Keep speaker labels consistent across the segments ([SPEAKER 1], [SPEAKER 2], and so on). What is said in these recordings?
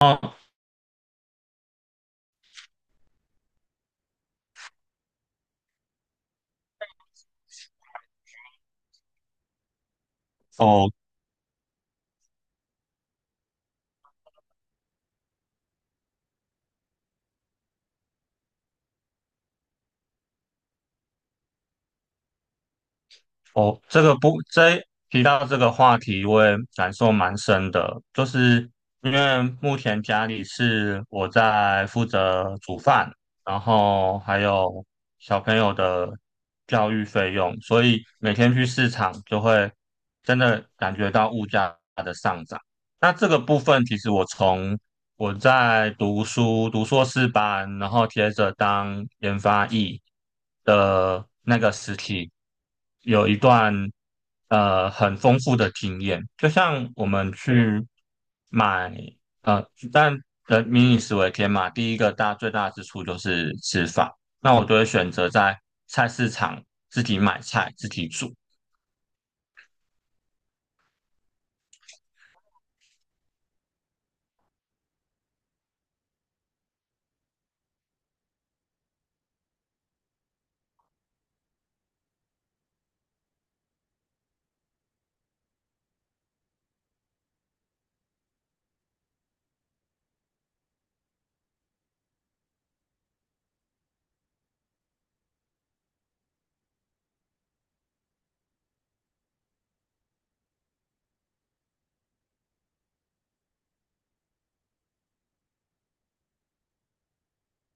[SPEAKER 1] 哦哦，哦，这个不，这提到这个话题，我也感受蛮深的，就是因为目前家里是我在负责煮饭，然后还有小朋友的教育费用，所以每天去市场就会真的感觉到物价的上涨。那这个部分，其实我在读书，读硕士班，然后接着当研发役的那个时期，有一段很丰富的经验。就像我们去买呃，但人民以食为天嘛，第一个大最大之处就是吃饭。那我就会选择在菜市场自己买菜，自己煮。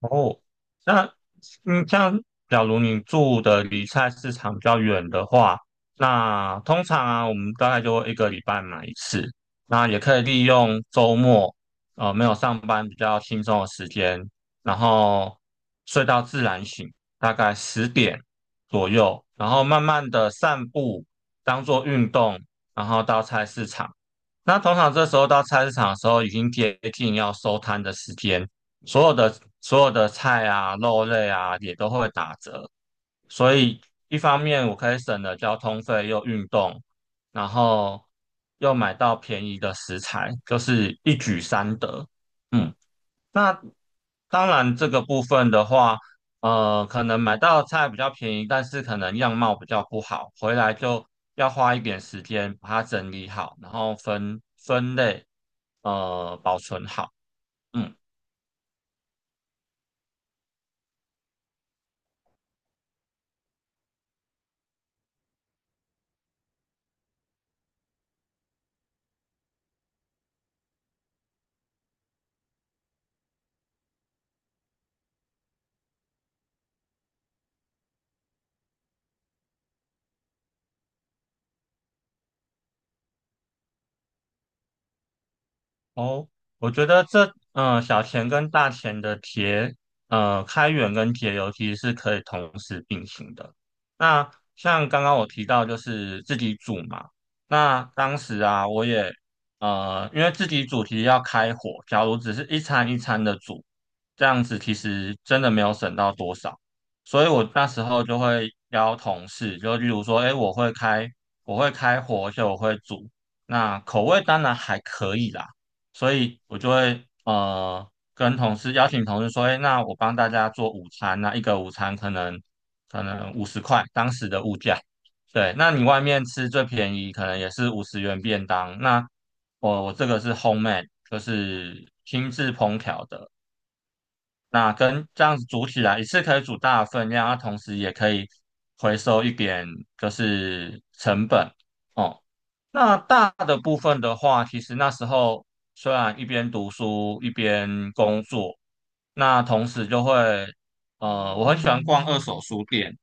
[SPEAKER 1] 哦，那像假如你住的离菜市场比较远的话，那通常啊，我们大概就会一个礼拜买一次。那也可以利用周末，没有上班比较轻松的时间，然后睡到自然醒，大概10点左右，然后慢慢的散步，当做运动，然后到菜市场。那通常这时候到菜市场的时候，已经接近要收摊的时间。所有的所有的菜啊、肉类啊也都会打折，所以一方面我可以省了交通费，又运动，然后又买到便宜的食材，就是一举三得。嗯，那当然这个部分的话，可能买到菜比较便宜，但是可能样貌比较不好，回来就要花一点时间把它整理好，然后分分类，保存好。嗯。哦，我觉得小钱跟大钱开源跟节流其实是可以同时并行的。那像刚刚我提到就是自己煮嘛，那当时啊我也因为自己煮其实要开火，假如只是一餐一餐的煮，这样子其实真的没有省到多少。所以我那时候就会邀同事，就例如说，哎，我会开火，而且我会煮，那口味当然还可以啦。所以我就会跟同事邀请同事说，哎，那我帮大家做午餐，那一个午餐可能50块，当时的物价。对，那你外面吃最便宜，可能也是50元便当。那我这个是 homemade,就是亲自烹调的。那跟这样子煮起来，一次可以煮大的分量，那同时也可以回收一点，就是成本。哦。那大的部分的话，其实那时候虽然一边读书一边工作，那同时就会，我很喜欢逛二手书店，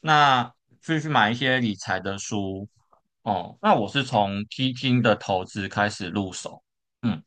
[SPEAKER 1] 那去买一些理财的书哦。那我是从基金的投资开始入手，嗯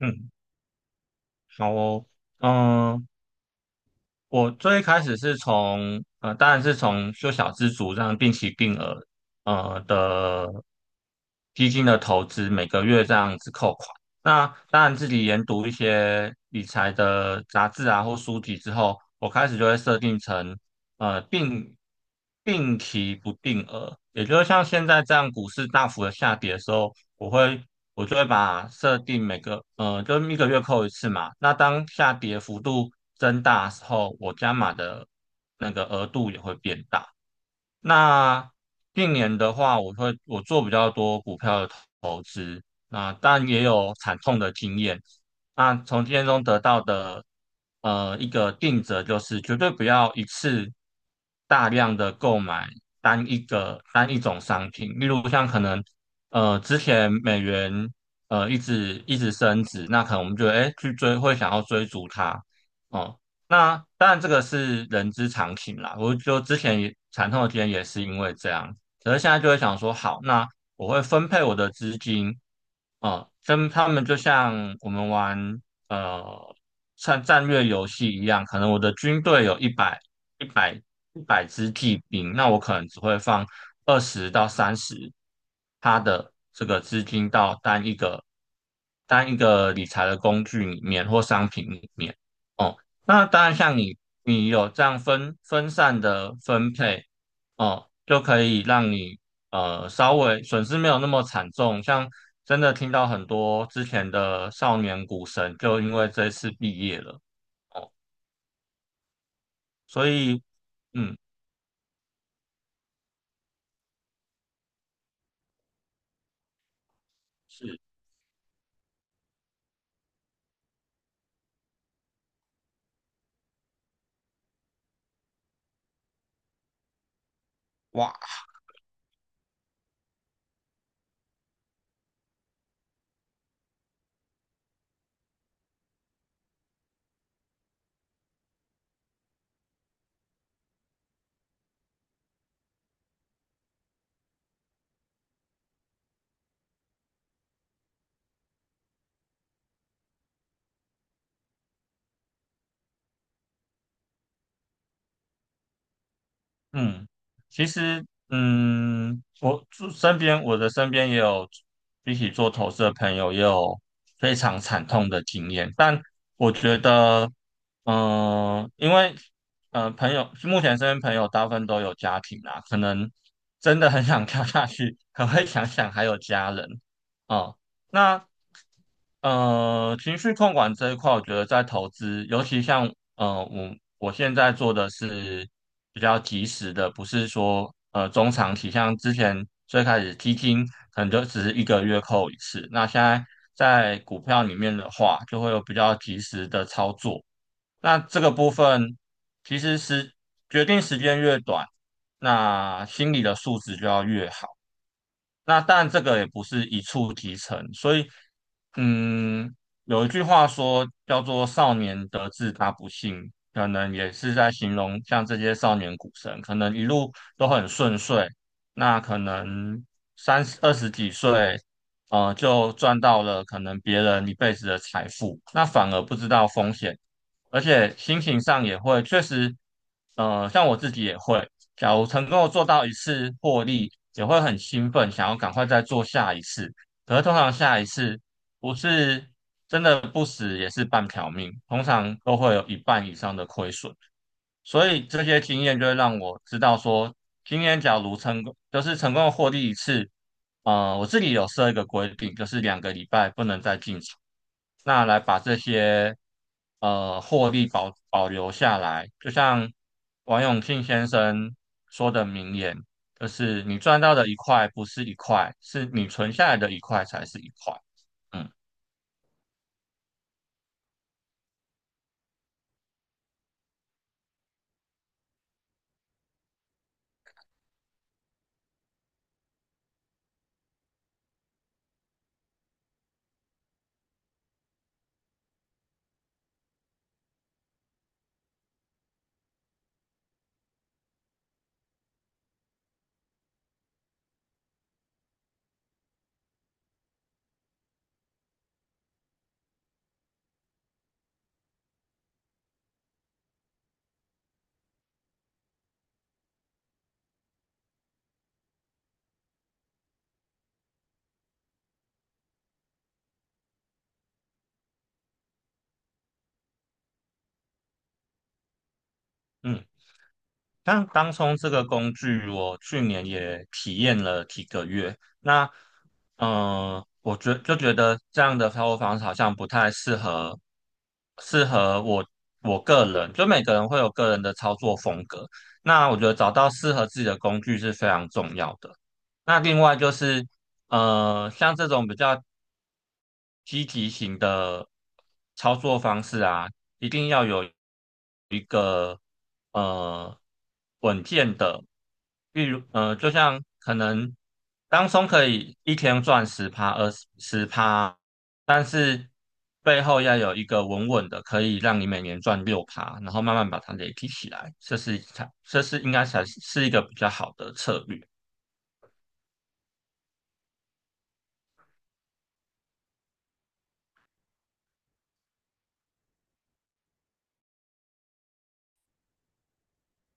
[SPEAKER 1] 嗯，好哦，嗯、我最开始是从当然是从修小资族这样定期定额的基金的投资，每个月这样子扣款。那当然自己研读一些理财的杂志啊或书籍之后，我开始就会设定成呃定定期不定额，也就是像现在这样股市大幅的下跌的时候，我就会把设定每个就是一个月扣一次嘛。那当下跌幅度增大的时候，我加码的那个额度也会变大。那近年的话，我做比较多股票的投资，那但也有惨痛的经验。那从经验中得到的一个定则就是绝对不要一次大量的购买单一种商品，例如像可能之前美元一直升值，那可能我们就哎去追，会想要追逐它哦。那当然这个是人之常情啦，我就之前也惨痛的经验也是因为这样，可是现在就会想说，好，那我会分配我的资金，哦，跟他们就像我们玩呃像战略游戏一样，可能我的军队有一百100支骑兵，那我可能只会放20到30他的这个资金到单一个理财的工具里面或商品里面。哦，那当然像你有这样分散的分配，哦，就可以让你稍微损失没有那么惨重，像真的听到很多之前的少年股神就因为这次毕业了哦，所以嗯是。哇，嗯，其实，嗯，我的身边也有一起做投资的朋友，也有非常惨痛的经验。但我觉得，因为，朋友目前身边朋友大部分都有家庭啦，可能真的很想跳下去，可会想想还有家人，哦、那情绪控管这一块，我觉得在投资，尤其像我现在做的是比较及时的，不是说中长期，像之前最开始基金可能就只是一个月扣一次，那现在在股票里面的话，就会有比较及时的操作。那这个部分其实是决定时间越短，那心理的素质就要越好。那但这个也不是一触即成，所以，嗯，有一句话说叫做“少年得志大不幸”，可能也是在形容像这些少年股神，可能一路都很顺遂，那可能三十二十几岁，就赚到了可能别人一辈子的财富，那反而不知道风险，而且心情上也会确实，像我自己也会。假如成功做到一次获利，也会很兴奋，想要赶快再做下一次。可是通常下一次不是真的不死，也是半条命，通常都会有一半以上的亏损。所以这些经验就会让我知道说，今天假如成功，就是成功的获利一次，我自己有设一个规定，就是2个礼拜不能再进场，那来把这些获利保留下来。就像王永庆先生说的名言，就是你赚到的一块不是一块，是你存下来的一块才是一块。嗯嗯。但当冲这个工具，我去年也体验了几个月。那，就觉得这样的操作方式好像不太适合，适合我个人。就每个人会有个人的操作风格。那我觉得找到适合自己的工具是非常重要的。那另外就是，像这种比较积极型的操作方式啊，一定要有一个呃稳健的，例如就像可能当冲可以一天赚十趴、十趴，但是背后要有一个稳稳的，可以让你每年赚6趴，然后慢慢把它累积起来，这是应该才是一个比较好的策略。